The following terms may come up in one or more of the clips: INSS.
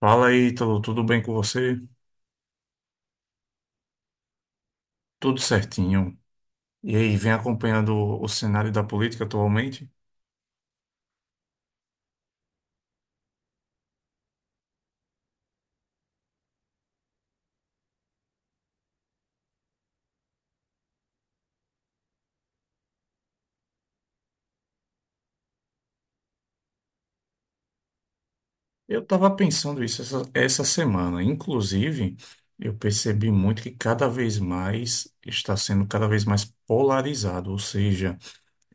Fala aí, tudo bem com você? Tudo certinho. E aí, vem acompanhando o cenário da política atualmente? Eu estava pensando isso essa semana. Inclusive, eu percebi muito que cada vez mais está sendo cada vez mais polarizado, ou seja,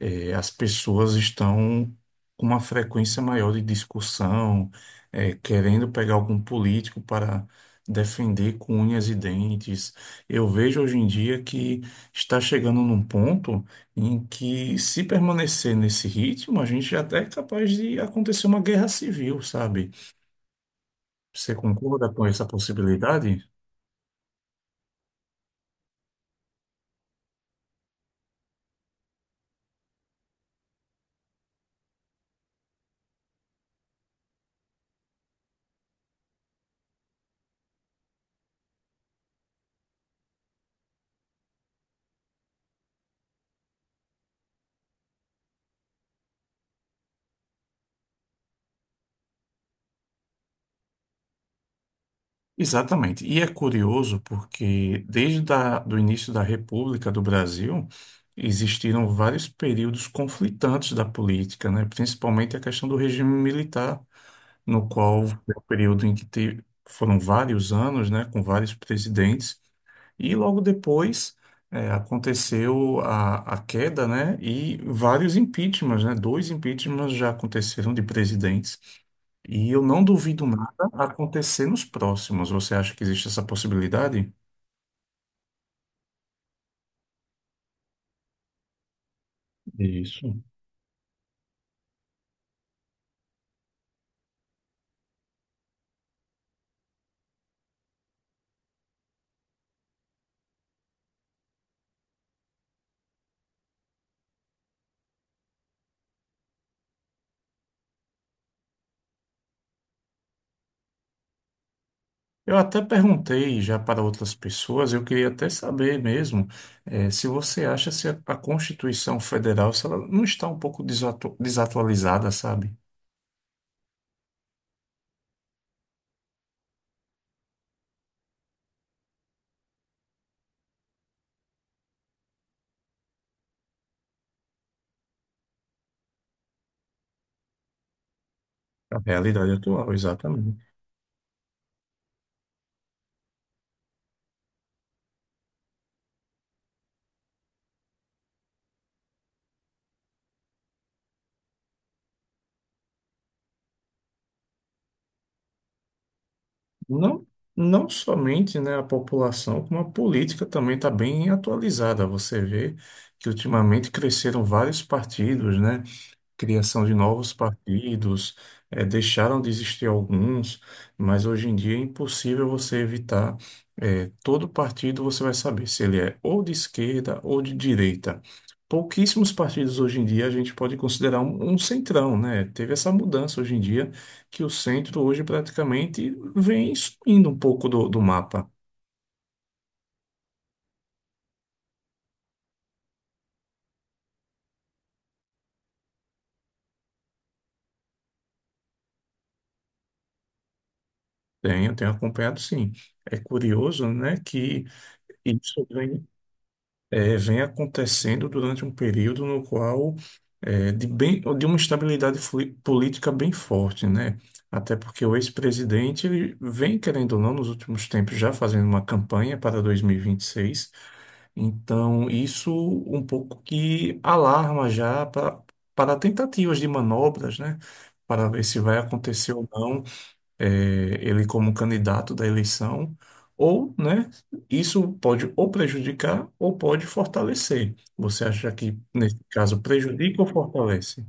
as pessoas estão com uma frequência maior de discussão, querendo pegar algum político para defender com unhas e dentes. Eu vejo hoje em dia que está chegando num ponto em que, se permanecer nesse ritmo, a gente até é capaz de acontecer uma guerra civil, sabe? Você concorda com essa possibilidade? Exatamente. E é curioso porque desde a, do início da República do Brasil existiram vários períodos conflitantes da política, né? Principalmente a questão do regime militar, no qual foi o período em que foram vários anos, né, com vários presidentes. E logo depois aconteceu a queda, né? E vários impeachments, né? Dois impeachments já aconteceram de presidentes. E eu não duvido nada acontecer nos próximos. Você acha que existe essa possibilidade? Isso. Eu até perguntei já para outras pessoas, eu queria até saber mesmo, se você acha se a, a Constituição Federal, se ela não está um pouco desatualizada, sabe? A realidade atual, exatamente. Não, não somente, né, a população, como a política também está bem atualizada. Você vê que ultimamente cresceram vários partidos, né? Criação de novos partidos, deixaram de existir alguns, mas hoje em dia é impossível você evitar. Eh, todo partido você vai saber se ele é ou de esquerda ou de direita. Pouquíssimos partidos hoje em dia a gente pode considerar um, um centrão, né? Teve essa mudança hoje em dia que o centro hoje praticamente vem sumindo um pouco do, do mapa. Tenho, tenho acompanhado, sim. É curioso, né, que isso vem vem acontecendo durante um período no qual de bem, de uma estabilidade política bem forte, né? Até porque o ex-presidente ele vem, querendo ou não, nos últimos tempos já fazendo uma campanha para 2026. Então, isso um pouco que alarma já para, para tentativas de manobras, né? Para ver se vai acontecer ou não ele como candidato da eleição, ou, né, isso pode ou prejudicar ou pode fortalecer. Você acha que, nesse caso, prejudica ou fortalece?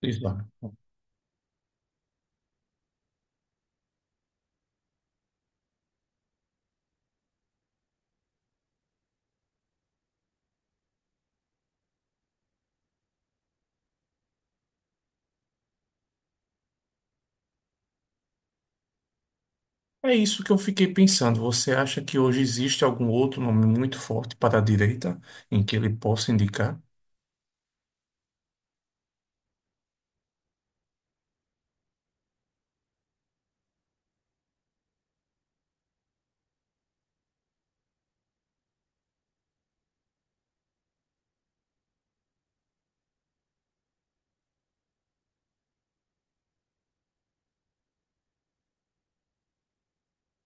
Exato. É isso que eu fiquei pensando. Você acha que hoje existe algum outro nome muito forte para a direita em que ele possa indicar?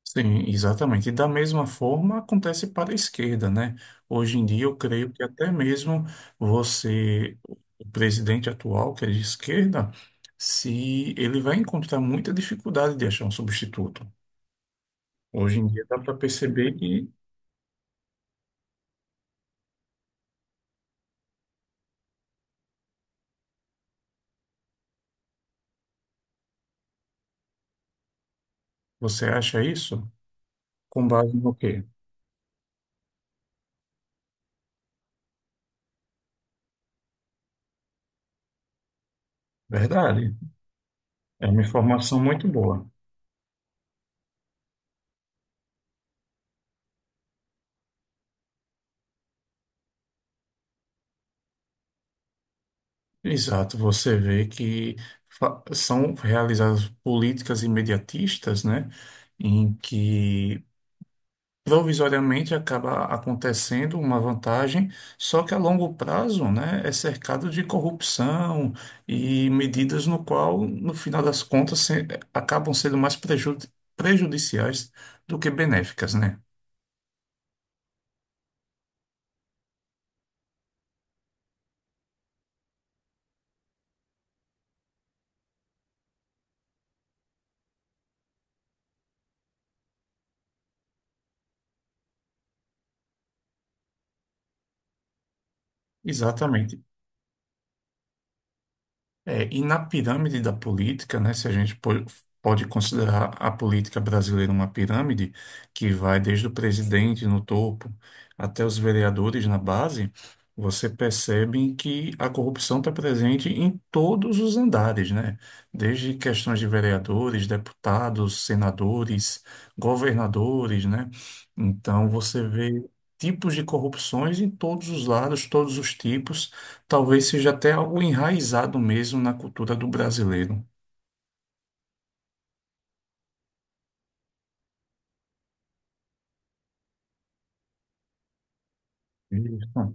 Sim, exatamente. E da mesma forma acontece para a esquerda, né? Hoje em dia eu creio que até mesmo você, o presidente atual, que é de esquerda, se ele vai encontrar muita dificuldade de achar um substituto. Hoje em dia dá para perceber que você acha isso com base no quê? Verdade. É uma informação muito boa. Exato, você vê que são realizadas políticas imediatistas, né? Em que provisoriamente acaba acontecendo uma vantagem, só que a longo prazo, né, é cercado de corrupção e medidas no qual, no final das contas, acabam sendo mais prejudiciais do que benéficas, né? Exatamente. É, e na pirâmide da política, né, se a gente pode considerar a política brasileira uma pirâmide, que vai desde o presidente no topo até os vereadores na base, você percebe que a corrupção está presente em todos os andares, né? Desde questões de vereadores, deputados, senadores, governadores, né? Então você vê tipos de corrupções em todos os lados, todos os tipos. Talvez seja até algo enraizado mesmo na cultura do brasileiro. Isso.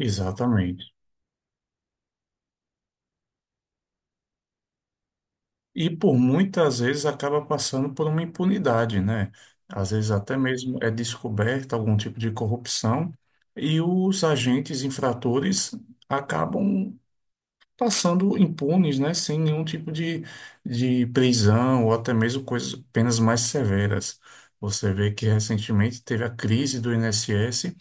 Exatamente. E por muitas vezes acaba passando por uma impunidade, né? Às vezes até mesmo é descoberta algum tipo de corrupção e os agentes infratores acabam passando impunes, né? Sem nenhum tipo de prisão ou até mesmo coisas, penas mais severas. Você vê que recentemente teve a crise do INSS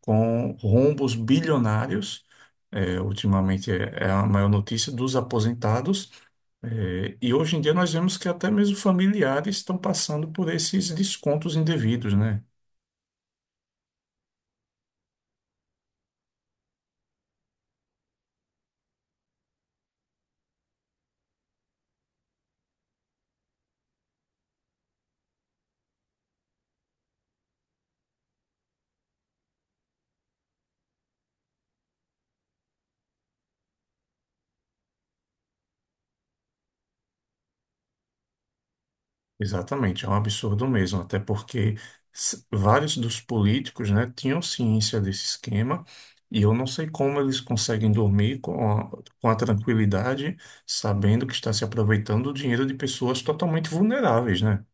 com rombos bilionários. É, ultimamente é, é a maior notícia dos aposentados. É, e hoje em dia nós vemos que até mesmo familiares estão passando por esses descontos indevidos, né? Exatamente, é um absurdo mesmo, até porque vários dos políticos, né, tinham ciência desse esquema e eu não sei como eles conseguem dormir com a tranquilidade, sabendo que está se aproveitando do dinheiro de pessoas totalmente vulneráveis, né?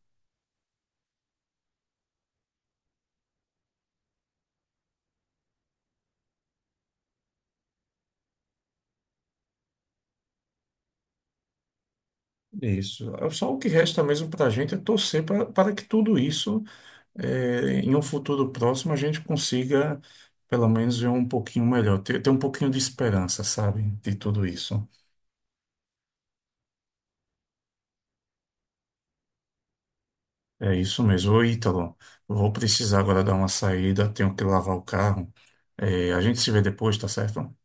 Isso. É só o que resta mesmo para a gente é torcer para que tudo isso, em um futuro próximo, a gente consiga, pelo menos, ver um pouquinho melhor, ter, ter um pouquinho de esperança, sabe, de tudo isso. É isso mesmo. Ô, Ítalo, eu vou precisar agora dar uma saída, tenho que lavar o carro. A gente se vê depois, tá certo?